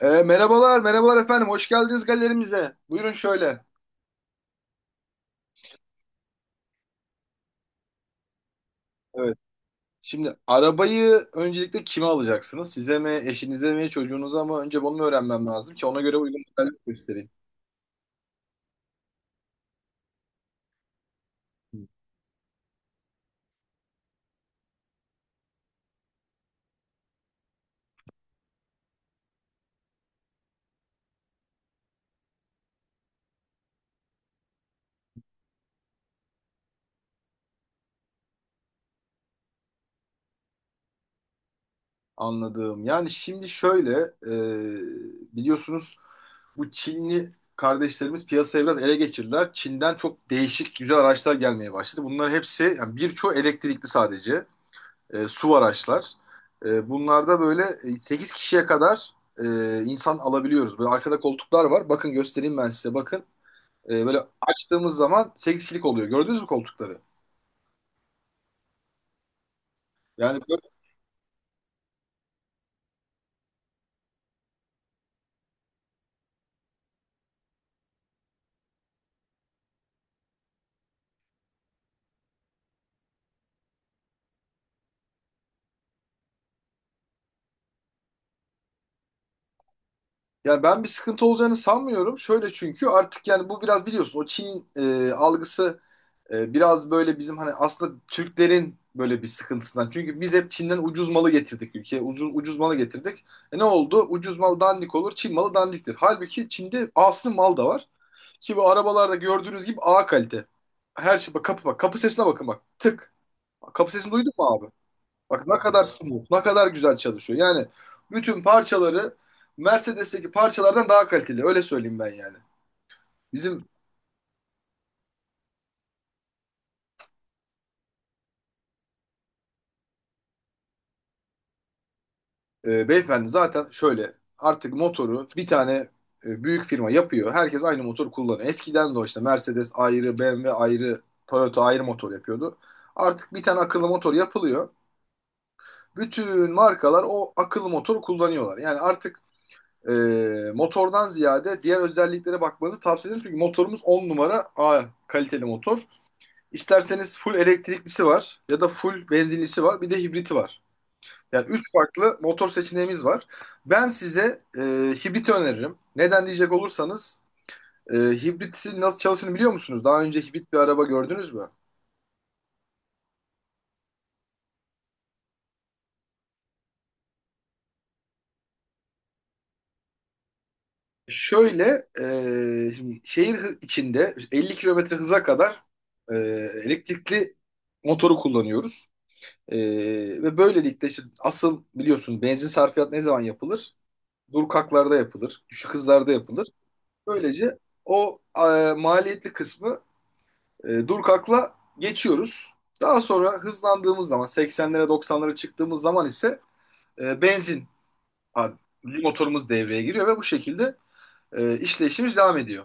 Merhabalar, merhabalar efendim. Hoş geldiniz galerimize. Buyurun şöyle. Evet. Şimdi arabayı öncelikle kime alacaksınız? Size mi, eşinize mi, çocuğunuza mı? Önce bunu öğrenmem lazım ki ona göre uygun modeller göstereyim. Anladım. Yani şimdi şöyle, biliyorsunuz bu Çinli kardeşlerimiz piyasayı biraz ele geçirdiler. Çin'den çok değişik güzel araçlar gelmeye başladı. Bunlar hepsi, yani birçoğu elektrikli sadece. Su araçlar. Bunlarda böyle 8 kişiye kadar insan alabiliyoruz. Böyle arkada koltuklar var. Bakın göstereyim ben size bakın. Böyle açtığımız zaman 8 kişilik oluyor. Gördünüz mü koltukları? Yani, böyle- yani ben bir sıkıntı olacağını sanmıyorum. Şöyle çünkü artık yani bu biraz biliyorsun o Çin algısı biraz böyle bizim hani aslında Türklerin böyle bir sıkıntısından. Çünkü biz hep Çin'den ucuz malı getirdik ülkeye. Ucuz, ucuz malı getirdik. E ne oldu? Ucuz mal dandik olur, Çin malı dandiktir. Halbuki Çin'de aslında mal da var. Ki bu arabalarda gördüğünüz gibi A kalite. Her şey bak kapı bak. Kapı sesine bakın bak. Tık. Kapı sesini duydun mu abi? Bak ne kadar smooth, ne kadar güzel çalışıyor. Yani bütün parçaları Mercedes'teki parçalardan daha kaliteli. Öyle söyleyeyim ben yani. Bizim beyefendi zaten şöyle artık motoru bir tane büyük firma yapıyor. Herkes aynı motor kullanıyor. Eskiden de o işte Mercedes ayrı, BMW ayrı, Toyota ayrı motor yapıyordu. Artık bir tane akıllı motor yapılıyor. Bütün markalar o akıllı motoru kullanıyorlar. Yani artık e, motordan ziyade diğer özelliklere bakmanızı tavsiye ederim. Çünkü motorumuz 10 numara A kaliteli motor. İsterseniz full elektriklisi var ya da full benzinlisi var bir de hibriti var. Yani 3 farklı motor seçeneğimiz var. Ben size hibriti öneririm. Neden diyecek olursanız hibritin nasıl çalıştığını biliyor musunuz? Daha önce hibrit bir araba gördünüz mü? Şöyle şimdi şehir içinde 50 kilometre hıza kadar e, elektrikli motoru kullanıyoruz. Ee, ve böylelikle işte asıl biliyorsun benzin sarfiyatı ne zaman yapılır? Durkaklarda yapılır, düşük hızlarda yapılır. Böylece o maliyetli kısmı durkakla geçiyoruz. Daha sonra hızlandığımız zaman 80'lere 90'lara çıktığımız zaman ise benzin adli motorumuz devreye giriyor ve bu şekilde işleyişimiz devam ediyor.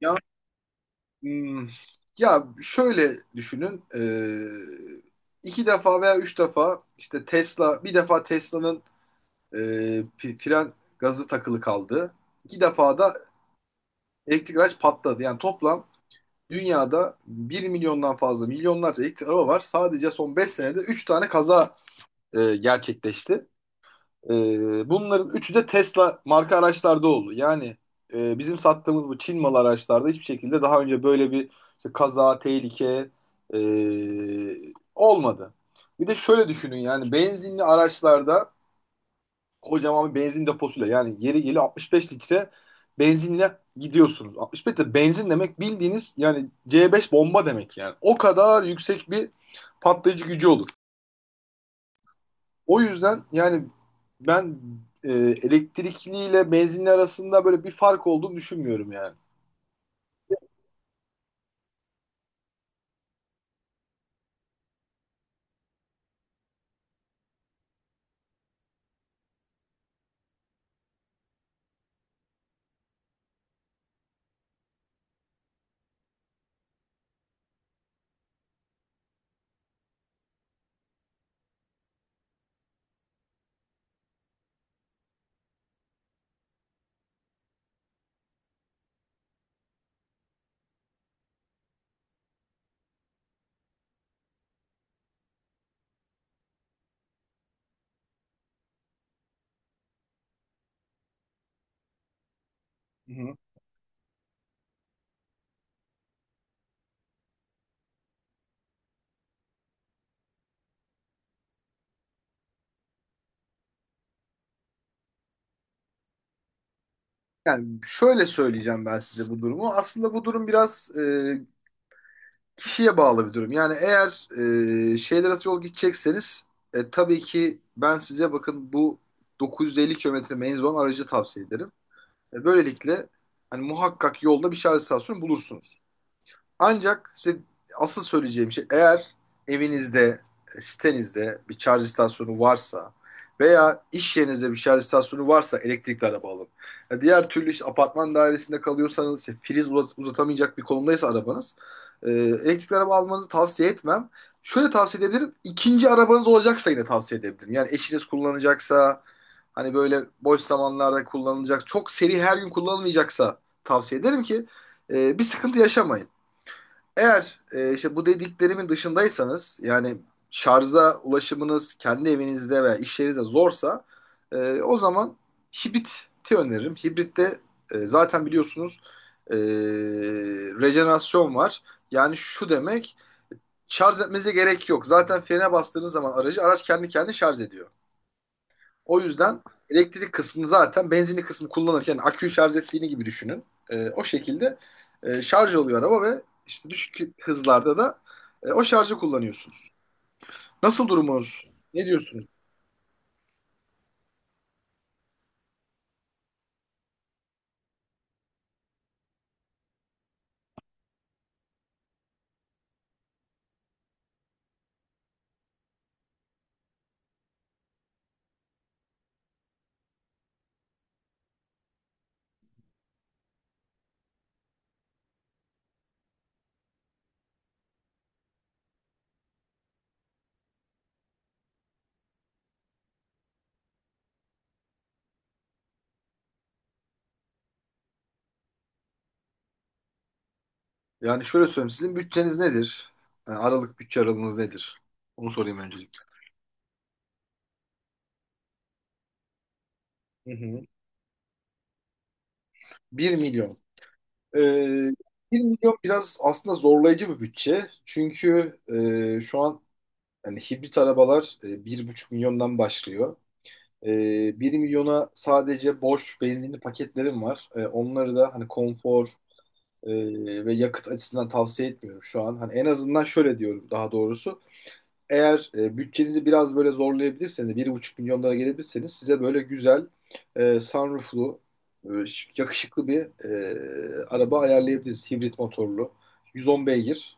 Ya, hmm, ya şöyle düşünün. E, iki defa veya üç defa işte Tesla bir defa Tesla'nın fren gazı takılı kaldı. İki defa da elektrik araç patladı. Yani toplam dünyada bir milyondan fazla milyonlarca elektrik araba var. Sadece son 5 senede 3 tane kaza gerçekleşti. Bunların üçü de Tesla marka araçlarda oldu. Yani bizim sattığımız bu Çin malı araçlarda hiçbir şekilde daha önce böyle bir işte kaza, tehlike e, olmadı. Bir de şöyle düşünün yani benzinli araçlarda kocaman bir benzin deposuyla yani yeri geliyor 65 litre benzinle gidiyorsunuz. 65 litre benzin demek bildiğiniz yani C5 bomba demek yani. O kadar yüksek bir patlayıcı gücü olur. O yüzden yani ben elektrikliyle benzinli arasında böyle bir fark olduğunu düşünmüyorum yani. Hı hı. Yani şöyle söyleyeceğim ben size bu durumu. Aslında bu durum biraz kişiye bağlı bir durum. Yani eğer şehirler arası yol gidecekseniz tabii ki ben size bakın bu 950 kilometre menzil olan aracı tavsiye ederim. Böylelikle hani muhakkak yolda bir şarj istasyonu bulursunuz. Ancak size asıl söyleyeceğim şey eğer evinizde, sitenizde bir şarj istasyonu varsa veya iş yerinizde bir şarj istasyonu varsa elektrikli araba alın. Ya diğer türlü işte apartman dairesinde kalıyorsanız, işte priz uzatamayacak bir konumdaysa arabanız elektrikli araba almanızı tavsiye etmem. Şöyle tavsiye edebilirim. İkinci arabanız olacaksa yine tavsiye edebilirim. Yani eşiniz kullanacaksa, hani böyle boş zamanlarda kullanılacak, çok seri her gün kullanılmayacaksa tavsiye ederim ki bir sıkıntı yaşamayın. Eğer işte bu dediklerimin dışındaysanız yani şarja ulaşımınız kendi evinizde veya iş yerinizde zorsa o zaman hibriti öneririm. Hibritte zaten biliyorsunuz e, rejenerasyon var. Yani şu demek şarj etmenize gerek yok. Zaten frene bastığınız zaman aracı araç kendi kendine şarj ediyor. O yüzden elektrik kısmını zaten benzinli kısmı kullanırken aküyü şarj ettiğini gibi düşünün. O şekilde şarj oluyor araba ve işte düşük hızlarda da o şarjı kullanıyorsunuz. Nasıl durumunuz? Ne diyorsunuz? Yani şöyle söyleyeyim sizin bütçeniz nedir? Yani aralık bütçe aralığınız nedir? Onu sorayım öncelikle. Hı hı. 1 milyon. Ee, 1 milyon biraz aslında zorlayıcı bir bütçe. Çünkü şu an yani hibrit arabalar 1,5 milyondan başlıyor. 1 milyona sadece boş benzinli paketlerim var. Onları da hani konfor ve yakıt açısından tavsiye etmiyorum şu an. Hani en azından şöyle diyorum daha doğrusu. Eğer bütçenizi biraz böyle zorlayabilirseniz, 1,5 milyon dolara gelebilirseniz size böyle güzel sunrooflu, e, yakışıklı bir araba ayarlayabiliriz. Hibrit motorlu. 110 beygir.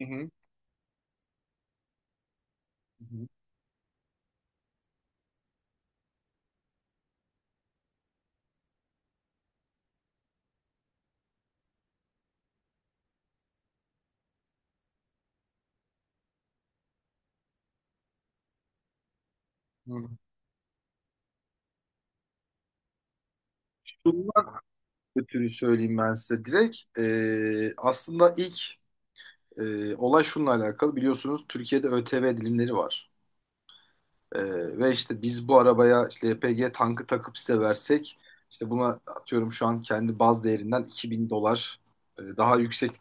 Hı hı. Hı hı. Hı. Bunlar ötürü söyleyeyim ben size direkt. Aslında ilk olay şununla alakalı biliyorsunuz Türkiye'de ÖTV dilimleri var. Ee, ve işte biz bu arabaya işte LPG tankı takıp size versek işte buna atıyorum şu an kendi baz değerinden 2000 dolar daha yüksek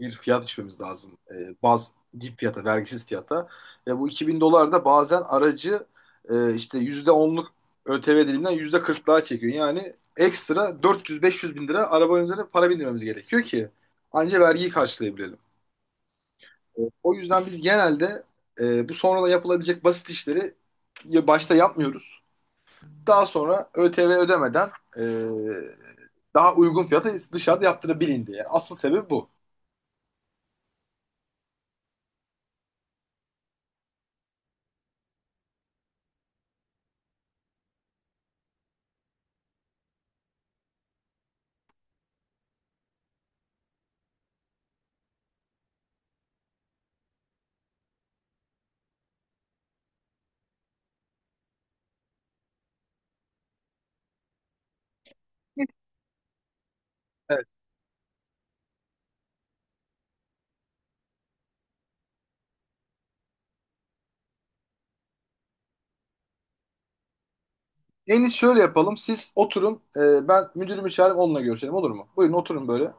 bir fiyat biçmemiz lazım. Baz dip fiyata, vergisiz fiyata. Ve bu 2000 dolar da bazen aracı işte yüzde onluk ÖTV diliminden %40'lığa çekiyor. Yani ekstra 400-500 bin lira arabanın üzerine para bindirmemiz gerekiyor ki ancak vergiyi karşılayabilelim. O yüzden biz genelde bu sonradan yapılabilecek basit işleri ya başta yapmıyoruz. Daha sonra ÖTV ödemeden e, daha uygun fiyata dışarıda yaptırabilin diye. Asıl sebebi bu. En iyisi şöyle yapalım. Siz oturun. Ben müdürümü çağırayım onunla görüşelim olur mu? Buyurun oturun böyle.